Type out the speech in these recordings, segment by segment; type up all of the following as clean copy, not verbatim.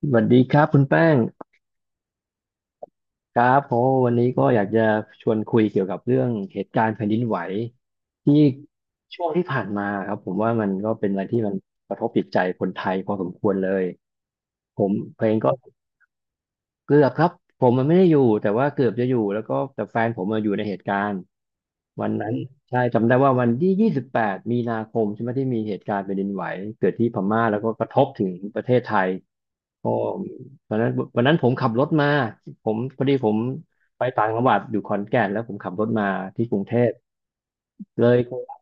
สวัสดีครับคุณแป้งครับเพราะว่าวันนี้ก็อยากจะชวนคุยเกี่ยวกับเรื่องเหตุการณ์แผ่นดินไหวที่ช่วงที่ผ่านมาครับผมว่ามันก็เป็นอะไรที่มันกระทบจิตใจคนไทยพอสมควรเลยผมเพลงก็เกือบครับผมมันไม่ได้อยู่แต่ว่าเกือบจะอยู่แล้วก็แต่แฟนผมมาอยู่ในเหตุการณ์วันนั้นใช่จำได้ว่าวันที่28มีนาคมใช่ไหมที่มีเหตุการณ์แผ่นดินไหวเกิดที่พม่าแล้วก็กระทบถึงประเทศไทย โอ้วันนั้นวันนั้นผมขับรถมาผมพอดีผมไปต่างจังหวัดอยู่ขอนแก่นแล้วผมขับรถมาที่กรุงเทพเลย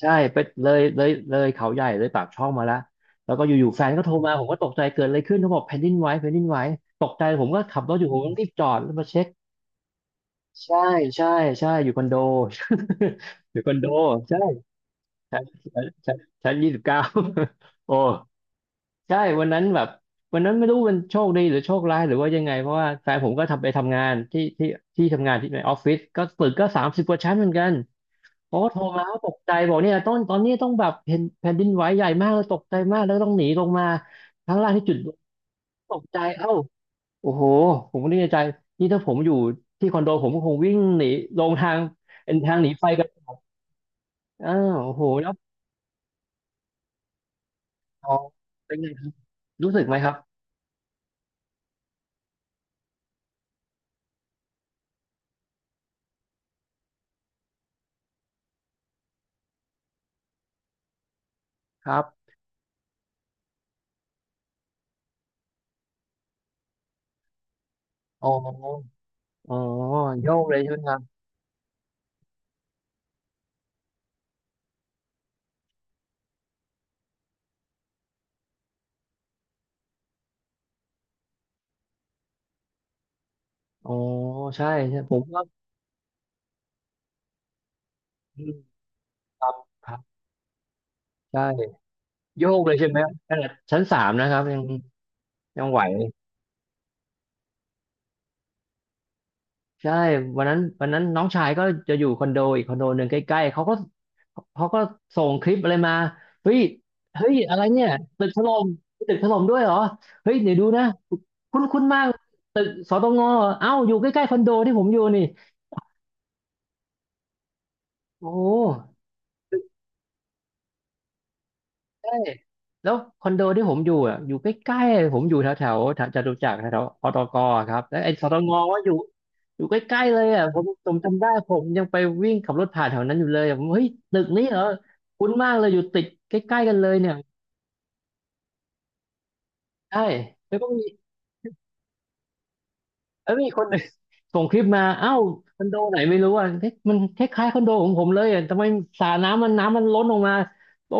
ใช่ไปเลยเลยเลยเขาใหญ่เลยปากช่องมาแล้วแล้วก็อยู่ๆแฟนก็โทรมาผมก็ตกใจเกิดอะไรขึ้นเขาบอกแผ่นดินไหวแผ่นดินไหวตกใจผมก็ขับรถอยู่ผมก็รีบจอดแล้วมาเช็คใช่ใช่ใช่อยู่คอนโด อยู่คอนโดใช่ชั้นชั้นชั้นยี่สิบเก้า โอ้ ใช่ วันนั้นแบบ วันนั้นไม่รู้มันโชคดีหรือโชคร้ายหรือว่ายังไงเพราะว่าแฟนผมก็ทำไปทำงานที่ทำงานที่ในออฟฟิศก็ตึกก็30กว่าชั้นเหมือนกันเขาก็โทรมาเขาตกใจบอกเนี่ยต้นตอนนี้ต้องแบบเห็นแผ่นดินไหวใหญ่มากเลยตกใจมากแล้วต้องหนีลงมาข้างล่างที่จุดตกใจเอ้า โอ้โห ผมก็นึกในใจ นี่ถ้าผมอยู่ที่คอนโดผมก็คงวิ่งหนีลงทางเป็นทางหนีไฟกันอ้าวโอ้โหแล้วอ๋อเป็นไงครับรู้สึกไหมครับครับอ๋ออ๋อโยกเลยใช่ไหมครับ อ๋อใช่ใช่ผมก็อืมครับครับใช่โยกเลยใช่ไหมขนาดชั้นสามนะครับยังยังไหวใช่วันนั้นวันนั้นน้องชายก็จะอยู่คอนโดอีกคอนโดหนึ่งใกล้ๆเขาก็ส่งคลิปอะไรมาเฮ้ยเฮ้ยอะไรเนี่ยตึกถล่มตึกถล่มด้วยเหรอเฮ้ยเดี๋ยวดูนะคุ้นคุ้นมากตึกสตงเอ้าอยู่ใกล้ๆคอนโดที่ผมอยู่นี่โอ้ ใช่แล้วคอนโดที่ผมอยู่อ่ะอยู่ใกล้ๆผมอยู่แถวแถวจตุจักรแถวอตกครับแล้วไอ้สตงว่อยู่อยู่ใกล้ๆเลยอ่ะผมจำได้ผมยังไปวิ่งขับรถผ่านแถวนั้นอยู่เลยอะผมเฮ้ยตึกนี้เหรอคุ้นมากเลยอยู่ติดใกล้ๆกันเลยเนี่ยใช่แล้วก็มีแล้วมีคนหนึ่ง ส่งคลิปมาเอ้าคอนโดไหนไม่รู้อ่ะเฮ้ยมันคล้ายๆคอนโดของผมเลยอ่ะทำไมสระน้ำมันน้ำมันล้นออกมาโอ้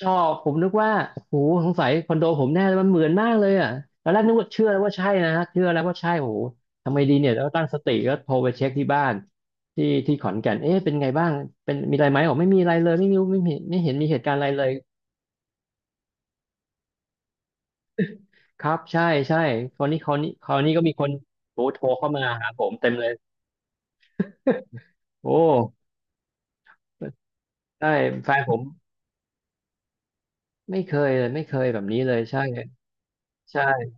ชอบผมนึกว่าโอ้โหสงสัยคอนโดผมแน่เลยมันเหมือนมากเลยอ่ะตอนแรกนึกว่าเชื่อแล้วว่าใช่นะฮะเชื่อแล้วว่าใช่โอ้โหทำไมดีเนี่ยแล้วตั้งสติก็โทรไปเช็คที่บ้าน ที่ที่ขอนแก่นเอ๊ะเป็นไงบ้างเป็นมีอะไรไหมบอกไม่มีอะไรเลยไม่มีไม่เห็นไม่เห็นมีเหตุการณ์อะไรเลยครับใช่ใช่คราวนี้ก็มีคนโทรเข้ามาหาผมเต็มเลยโอ้ใช่แฟนผมไม่เคยเลยไม่เคยแบบนี้เลยใช่ใช่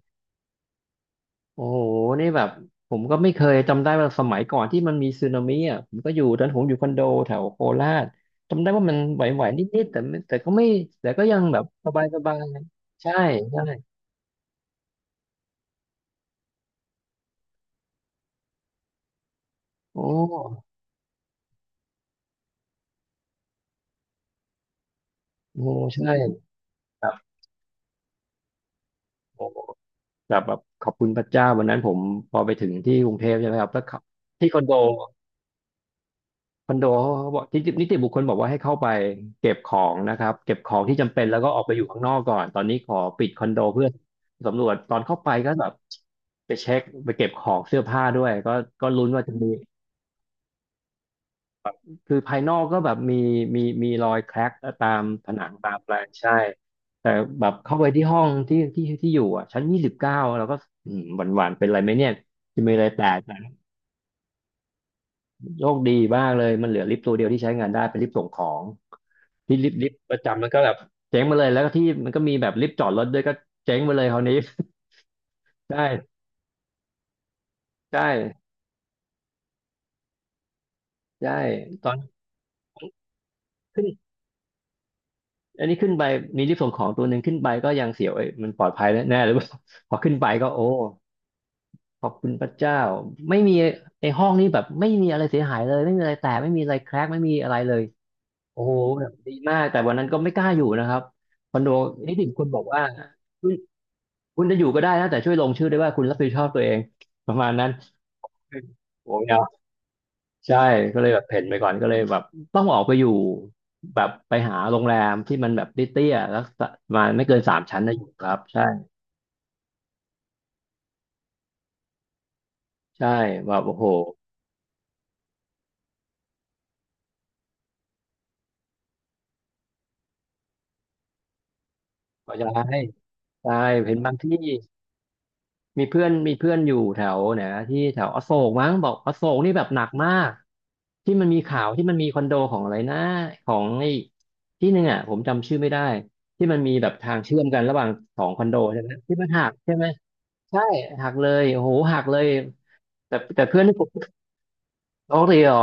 โอ้โห นี่แบบผมก็ไม่เคยจำได้ว่าสมัยก่อนที่มันมีสึนามิอ่ะผมก็อยู่ตอนผมอยู่คอนโดแถวโคราชจำได้ว่ามันไหวๆนิดๆแต่ไม่แต่ก็ไม่แต่ก็ยังแบบสบายๆใช่ใช่โอ้โอ้ใช่แบบโอ้แบบแบบขอบคุณพระเจ้าวันนั้นผมพอไปถึงที่กรุงเทพใช่ไหมครับแล้วขับที่คอนโด คอนโดเขาบอกทีตนิติบุคคลบอกว่าให้เข้าไปเก็บของนะครับเก็บของที่จำเป็นแล้วก็ออกไปอยู่ข้างนอกก่อนตอนนี้ขอปิดคอนโดเพื่อสำรวจตอนเข้าไปก็แบบไปเช็คไปเก็บของเสื้อผ้าด้วยก็ก็ลุ้นว่าจะมีคือภายนอกก็แบบมีมีมีรอยแคร็กตามผนังตามอะไรใช่แต่แบบเข้าไปที่ห้องที่อยู่อ่ะชั้นยี่สิบเก้าแล้วก็อืมหวั่นๆเป็นไรไหมเนี่ยจะมีอะไรแตก โชคดีมากเลยมันเหลือลิฟต์ตัวเดียวที่ใช้งานได้เป็นลิฟต์ส่งของที่ลิฟต์ประจำมันก็แบบเจ๊งมาเลยแล้วก็ที่มันก็มีแบบลิฟต์จอดรถด้วยก็เจ๊งมาเลยคราวนี้ ใช่ใช่ใช่ตอนขึ้นอันนี้ขึ้นไปมีลิฟต์ส่งของตัวหนึ่งขึ้นไปก็ยังเสียวเอ้ยมันปลอดภัยแน่หรือเปล่า พอขึ้นไปก็โอ้ขอบคุณพระเจ้าไม่มีไอ้ห้องนี้แบบไม่มีอะไรเสียหายเลยไม่มีอะไรแตกไม่มีอะไรแครกไม่มีอะไรเลยโอ้โหแบบดีมากแต่วันนั้นก็ไม่กล้าอยู่นะครับคอนโดนิติบุคคลบอกว่า คุณจะอยู่ก็ได้นะแต่ช่วยลงชื่อด้วยว่าคุณรับผิดชอบตัวเองประมาณนั้นโอ้ยเอาใช่ ก็เลยแบบเพ่นไปก่อนก็เลยแบบต้องออกไปอยู่แบบไปหาโรงแรมที่มันแบบเตี้ยๆแล้วประมาณไม่เกินสามชั้นนะอยู่ครับ ใช่ใช่แบบโอ้โหก็จะให้ใช่เห็นบางที่ มีเพื่อนอยู่แถวไหนนะที่แถวอโศกมั้งบอกอโศกนี่แบบหนักมากที่มันมีข่าวที่มันมีคอนโดของอะไรนะของไอ้ที่หนึ่งอ่ะผมจำชื่อไม่ได้ที่มันมีแบบทางเชื่อมกันระหว่างสองคอนโดใช่ไหมที่มันหักใช่ไหมใช่หักเลยโอ้โหหักเลยแต่เพื่อนที่ผมโอ้เลยเหรอ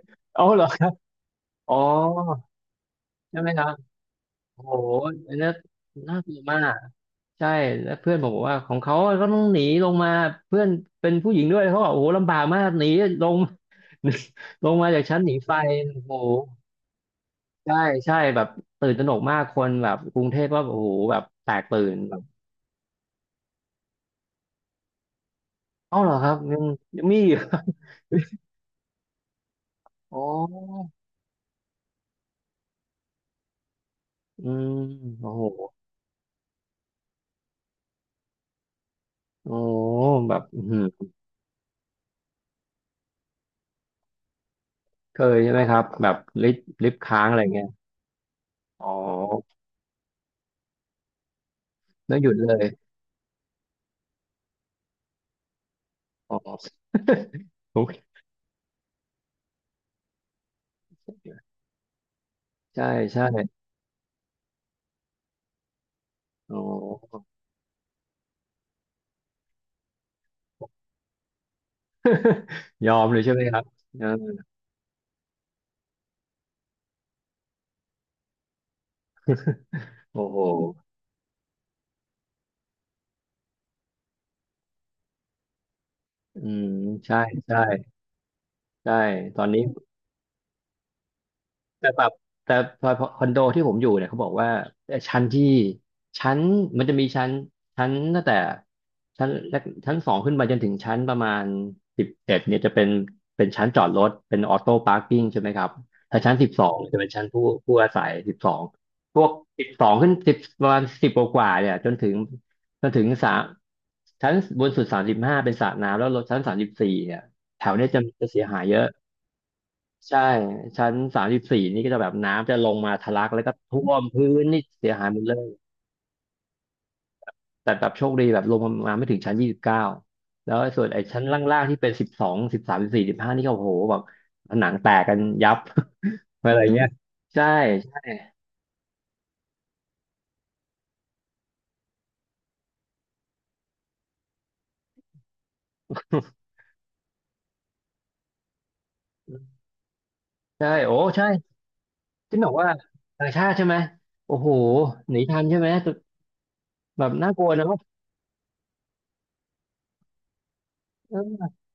โอ้อเหรอครับอ๋อใช่ไหมครับโอ้โหอันนี้น่ากลัวมาก ใช่แล้วเพื่อนผมบอกว่าของเขาก็ต้องหนีลงมาเพื่อนเป็นผู้หญิงด้วยเขาบอกโอ้โหลำบากมากหนีลง ลงมาจากชั้นหนีไฟโอ้โหใช่ใช่แบบตื่นตระหนกมากคนแบบกรุงเทพก็โอ้โหแบบแตกตื่นแบบเอ้าเหรอครับยังมีอยู่ อ๋ออืมโอ้โหโอ้โหแบบอื้อหือเคยใช่ไหมครับแบบลิฟต์ค้างอะไรเงี้ยอ๋อแล้วหยุดเลยอ๋อ โอเคใช่ใช่อ๋อ ยอมเลยใช่ไหมครับเออโอ้โหอืมใช่ใช่ใช่ตอนนี้ แต่แบบแต่พอคอนโดที่ผมอยู่เนี่ยเขาบอกว่าชั้นที่ชั้นมันจะมีชั้นชั้นตั้งแต่ชั้นแรกชั้นสองขึ้นไปจนถึงชั้นประมาณ11เนี่ยจะเป็นชั้นจอดรถเป็นออโต้พาร์กิ้งใช่ไหมครับถ้าชั้นสิบสองจะเป็นชั้นผู้อาศัยสิบสองพวกสิบสองขึ้นสิบประมาณสิบกว่าๆเนี่ยจนถึงสามชั้นบนสุด35เป็นสระน้ำแล้วลงชั้นสามสิบสี่เนี่ยแถวเนี้ยจะเสียหายเยอะ ใช่ชั้น34นี่ก็จะแบบน้ำจะลงมาทะลักแล้วก็ท่วมพื้นนี่เสียหายหมดเลยแต่แบบโชคดีแบบลงมาไม่ถึงชั้น29แล้วไอ้ส่วนไอ้ชั้นล่างๆที่เป็น12 13 14 15นี่ก็โอ้โหแบบผนังแตกกันยับ อะไรเงี้ยใช่ใช่ ใช่โอ้ใช่ที่บอกว่าต่างชาติใช่ไหมโอ้โหหนีทันใช่ไหมแบบน่ากลัวเนอะเออ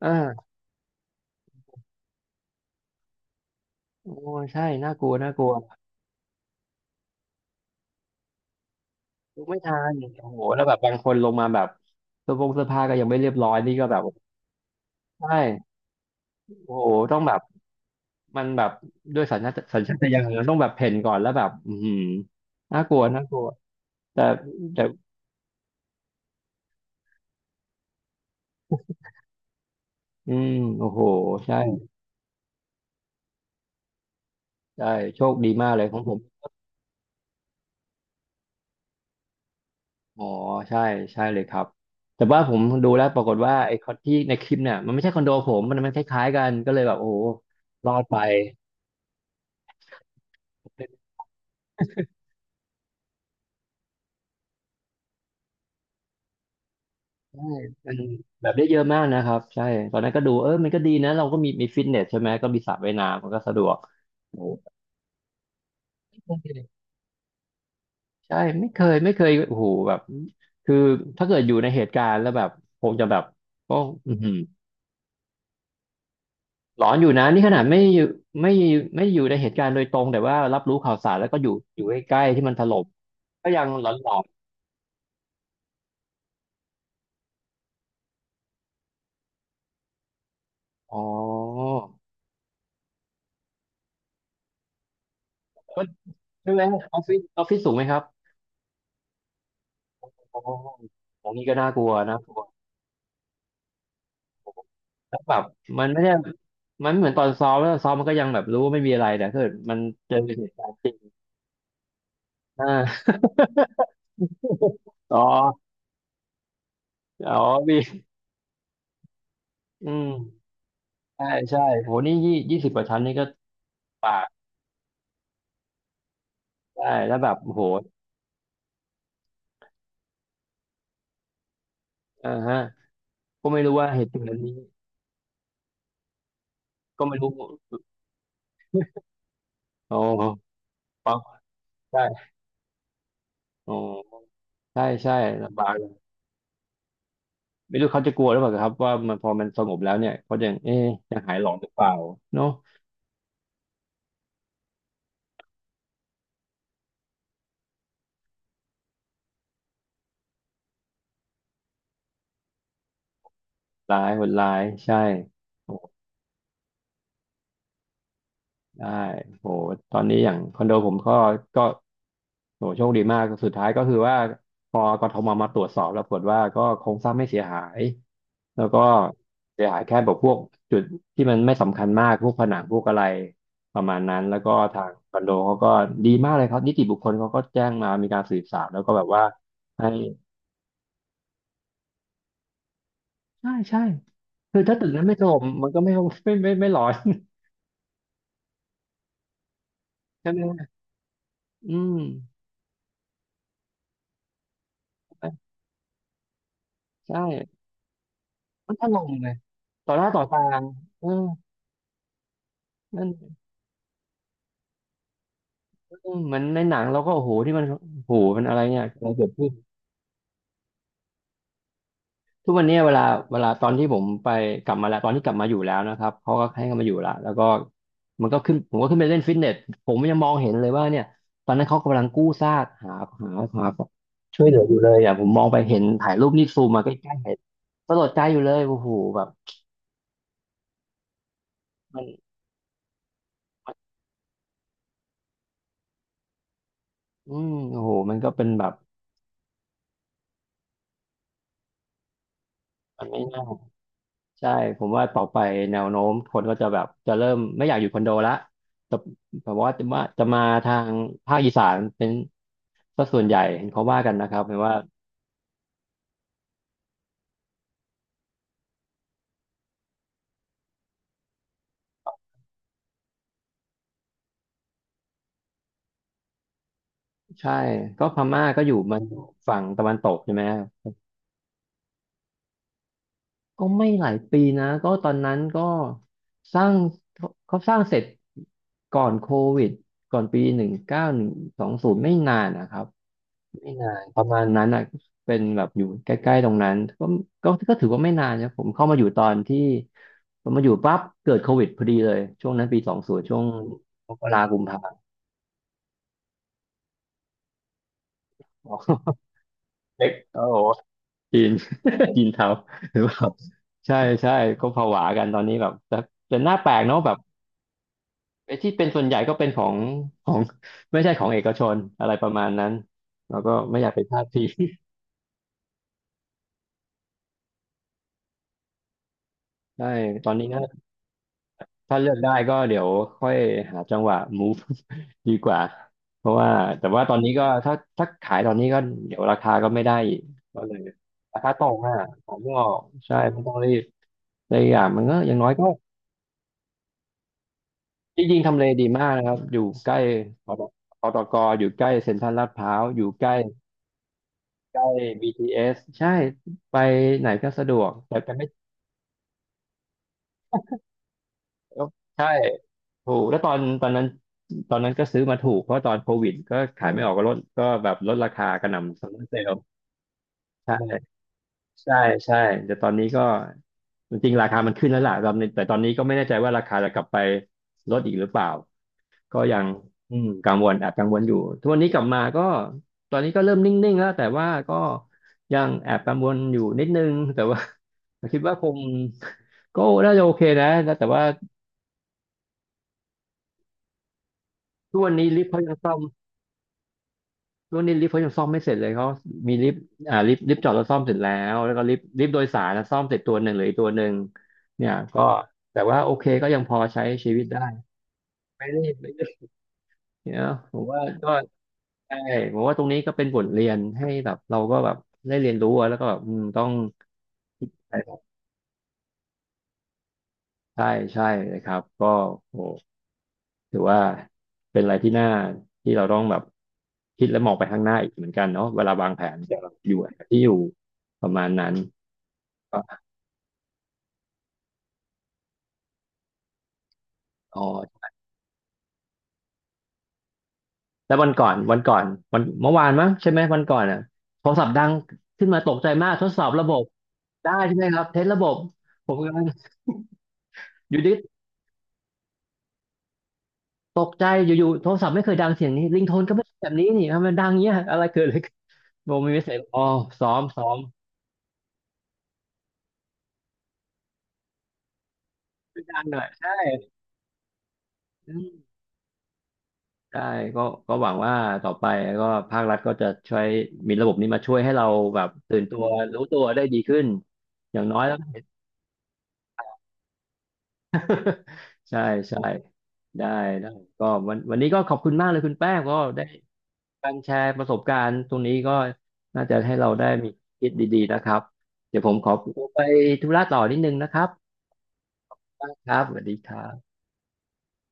เออโอ้ใช่น่ากลัวน่ากลัว ลุกไม่ทันโอ้โหแล้วแบบบางคนลงมาแบบเสื้อผงเสื้อผ้าก็ยังไม่เรียบร้อยนี่ก็แบบใช่โอ้โหต้องแบบมันแบบด้วยสัญชาตญาณมันต้องแบบเพ่นก่อนแล้วแบบอือหือน่ากลัวน่ากลัวแต่แต่อืมโอ้โหใช่ใช่โชคดีมากเลยของผมอ๋อใช่ใช่เลยครับแต่ว่าผมดูแล้วปรากฏว่าไอ้คอนที่ในคลิปเนี่ยมันไม่ใช่คอนโดผมมันมันคล้ายๆกันก็เลยแบบโอ้โหรอดไป ใช่มันแบบได้เยอะมากนะครับใช่ตอนนั้นก็ดูเออมันก็ดีนะเราก็มีฟิตเนสใช่ไหมก็มีสระว่ายน้ำมันก็สะดวกโอ้ไม่เคยใช่ไม่เคยไม่เคยโอ้โหแบบคือถ้าเกิดอยู่ในเหตุการณ์แล้วแบบคงจะแบบก็อือหือหลอนอยู่นะนี่ขนาดไม่อยู่ไม่ไม่อยู่ในเหตุการณ์โดยตรงแต่ว่ารับรู้ข่าวสารแล้วก็อยู่ใกล้ๆที่มันถล่มก็ยังหลอนๆอ๋อก็ใช่ไหมออฟฟิศสูงไหมครับอ๋อของนี้ก็น่ากลัวนะ แล้วแบบมันไม่ได้มันเหมือนตอนซ้อมแล้วซ้อมมันก็ยังแบบรู้ว่าไม่มีอะไรแต่ถ้าเกิดมันเจอเหตุการณ์จริงอ่า อ๋ออ๋อมีอืมใช่ใช่โหนี่ยี่สิบกว่าชั้นนี่ก็ปากได้แล้วแบบโหอ่าฮะก็ไม่รู้ว่าเหตุการณ์นี้ก็ไม่รู้โอ้ฟังใช่โอ้ใช่ใช่ลำบากเลยไม่รู้เขาจะกลัวหรือเปล่าครับว่ามันพอมันสงบแล้วเนี่ยเขาจะเอ๊ะจะหายหลอนหรือเปล่าเนาะร้ายโหดร้ายใช่ ได้โหตอนนี้อย่างคอนโดผมก็ก็โหโชคดีมากสุดท้ายก็คือว่าพอกทมมาตรวจสอบแล้วผลว่าก็โครงสร้างไม่เสียหายแล้วก็เสียหายแค่แบบพวกจุดที่มันไม่สำคัญมากพวกผนังพวกอะไรประมาณนั้นแล้วก็ทางคอนโดเขาก็ดีมากเลยครับนิติบุคคลเขาก็แจ้งมามีการสืบสาวแล้วก็แบบว่าให้ใช่ใช่คือถ้าตึกนั้นไม่ถล่มมันก็ไม่ ไม่ไม่ร้อนใช่ไหมอืมใช่ มันก็ลงเลยต่อหน้าต่อตาเออนั่นเออเหมือนในหนังเราก็โอ้โหที่มันโอ้โหมันอะไรเนี่ยอะไรเกิดขึ้นทุกวันเนี้ยเวลาเวลาตอนที่ผมไปกลับมาแล้วตอนที่กลับมาอยู่แล้วนะครับเขาก็ให้เขามาอยู่ละแล้วก็มันก็ขึ้นผมก็ขึ้นไปเล่นฟิตเนสผมยังมองเห็นเลยว่าเนี่ยตอนนั้นเขากำลังกู้ซากหาหาช่วยเหลืออยู่เลยอ่ะผมมองไปเห็นถ่ายรูปนี่ซูมมาใกล้ๆเห็นสลดใจอยู่เลยโอ้โหแบบมันอืมโอ้โหมันก็เป็นแบบมันไม่น่า ใช่ผมว่าต่อไปแนวโน้มคนก็จะแบบจะเริ่มไม่อยากอยู่คอนโดละแต่แต่ว่าจะมาจะมาทางภาคอีสานเป็นสัส่วนใหญ่เห็นเขาว่ากันนะครับเห็นว่าใช่ก็พม่าก็อยู่มันฝั่งตะวันตกใช่ไหมครับก็ไม่หลายปีนะก็ตอนนั้นก็สร้างเขาสร้างเสร็จก่อนโควิดก่อนปีหนึ่งเก้าหนึ่งสองศูนย์ไม่นานนะครับ ไม่นานประมาณนั้นอ่ะเป็นแบบอยู่ใกล้ๆตรงนั้นก็ก็ถือว่าไม่นานนะผมเข้ามาอยู่ตอนที่ผมมาอยู่ปั๊บเกิดโควิดพอดีเลยช่วงนั้นปีสองศูนย์ช่วงมกรากุมภาอ๋อเล็กโอ้โหจีน จีนเทา หรือเปล่าใช่ใช่ก็ผวากันตอนนี้แบบแต่แต่หน้าแปลกเนาะแบบไอ้ที่เป็นส่วนใหญ่ก็เป็นของไม่ใช่ของเอกชนอะไรประมาณนั้นเราก็ไม่อยากไปพลาดพิง ใช่ตอนนี้ก็ ถ้าเลือกได้ก็เดี๋ยวค่อยหาจังหวะ move ดีกว่าเพราะว่าแต่ว่าตอนนี้ก็ถ้าขายตอนนี้ก็เดี๋ยวราคาก็ไม่ได้อีกก็เลยราคาตกอ่ะของไม่ออกใช่ไม่ต้องรีบแต่อกอย่างมันก็อย่างน้อยก็จริงๆทำเลดีมากนะครับ อยู่ใกล้ปตปตกอยู่ใกล้เซ็นทรัลลาดพร้าวอยู่ใกล้ใกล้ BTS ใช่ไปไหนก็สะดวกแต่ไม่ แล้วใช่ถูกแล้วตอนตอนนั้นก็ซื้อมาถูกเพราะตอนโควิดก็ขายไม่ออกก็ลดก็แบบลดราคากระหน่ำซัมเมอร์เซลใช่ใช่ใช่แต่ตอนนี้ก็จริงๆราคามันขึ้นแล้วล่ะตอนนี้แต่ตอนนี้ก็ไม่แน่ใจว่าราคาจะกลับไปลดอีกหรือเปล่าก็ยังอืมกังวลแอบกังวลอยู่ทุกวันนี้กลับมาก็ตอนนี้ก็เริ่มนิ่งๆแล้วแต่ว่าก็ยังแอบกังวลอยู่นิดนึงแต่ว่า คิดว่าคงก็น่าจะโอเคนะแต่ว่าทุกวันนี้ลิฟต์เขายังซ่อม ช่วนนี้ลิฟต์เขายังซ่อมไม่เสร็จเลยเขามีลิฟต์อ่าลิฟต์จอดแล้วซ่อมเสร็จแล้วแล้วก็ลิฟต์โดยสารนะซ่อมเสร็จตัวหนึ่งเหลืออีกตัวหนึ่งเนี่ยก็แต่ว่าโอเคก็ยังพอใช้ชีวิตได้ไม่ได้เนี่ผมว่าก็ใช่ผมว่าตรงนี้ก็เป็นบทเรียนให้แบบเราก็แบบได้เรียนรู้อะแล้วก็แบบอืมต้องใช่ใช่เลยครับก็โอ้ถือว่าเป็นอะไรที่น่าที่เราต้องแบบคิดและมองไปข้างหน้าอีกเหมือนกันเนาะเวลาวางแผนจะอยู่ที่อยู่ประมาณนั้น อ๋อแล้ววันก่อนวันเมื่อวานมั้งใช่ไหมวันก่อนอ่ะโทรศัพท์ดังขึ้นมาตกใจมากทดสอบระบบได้ใช่ไหมครับเทสระบบผมกำลังอยู่ดีตกใจอยู่ๆโทรศัพท์ไม่เคยดังเสียงนี้ริงโทนก็ไม่แบบนี้นี่ทำไมดังเงี้ยอะไรเกิดอะไรขึ้นผมมีเมสเซจอ๋อซ้อมซ้อมช่วยดังหน่อยใช่อืมใช่ก็ก็หวังว่าต่อไปก็ภาครัฐก็จะช่วยมีระบบนี้มาช่วยให้เราแบบตื่นตัวรู้ตัวได้ดีขึ้นอย่างน้อยแล้ว ใช่ใช่ได้ได้ก็วันนี้ก็ขอบคุณมากเลยคุณแป้งก็ได้การแชร์ประสบการณ์ตรงนี้ก็น่าจะให้เราได้มีคิดดีๆนะครับเดี๋ยวผมขอตัวไปธุระต่อนิดนึงนะครับครับสวัสดีครับ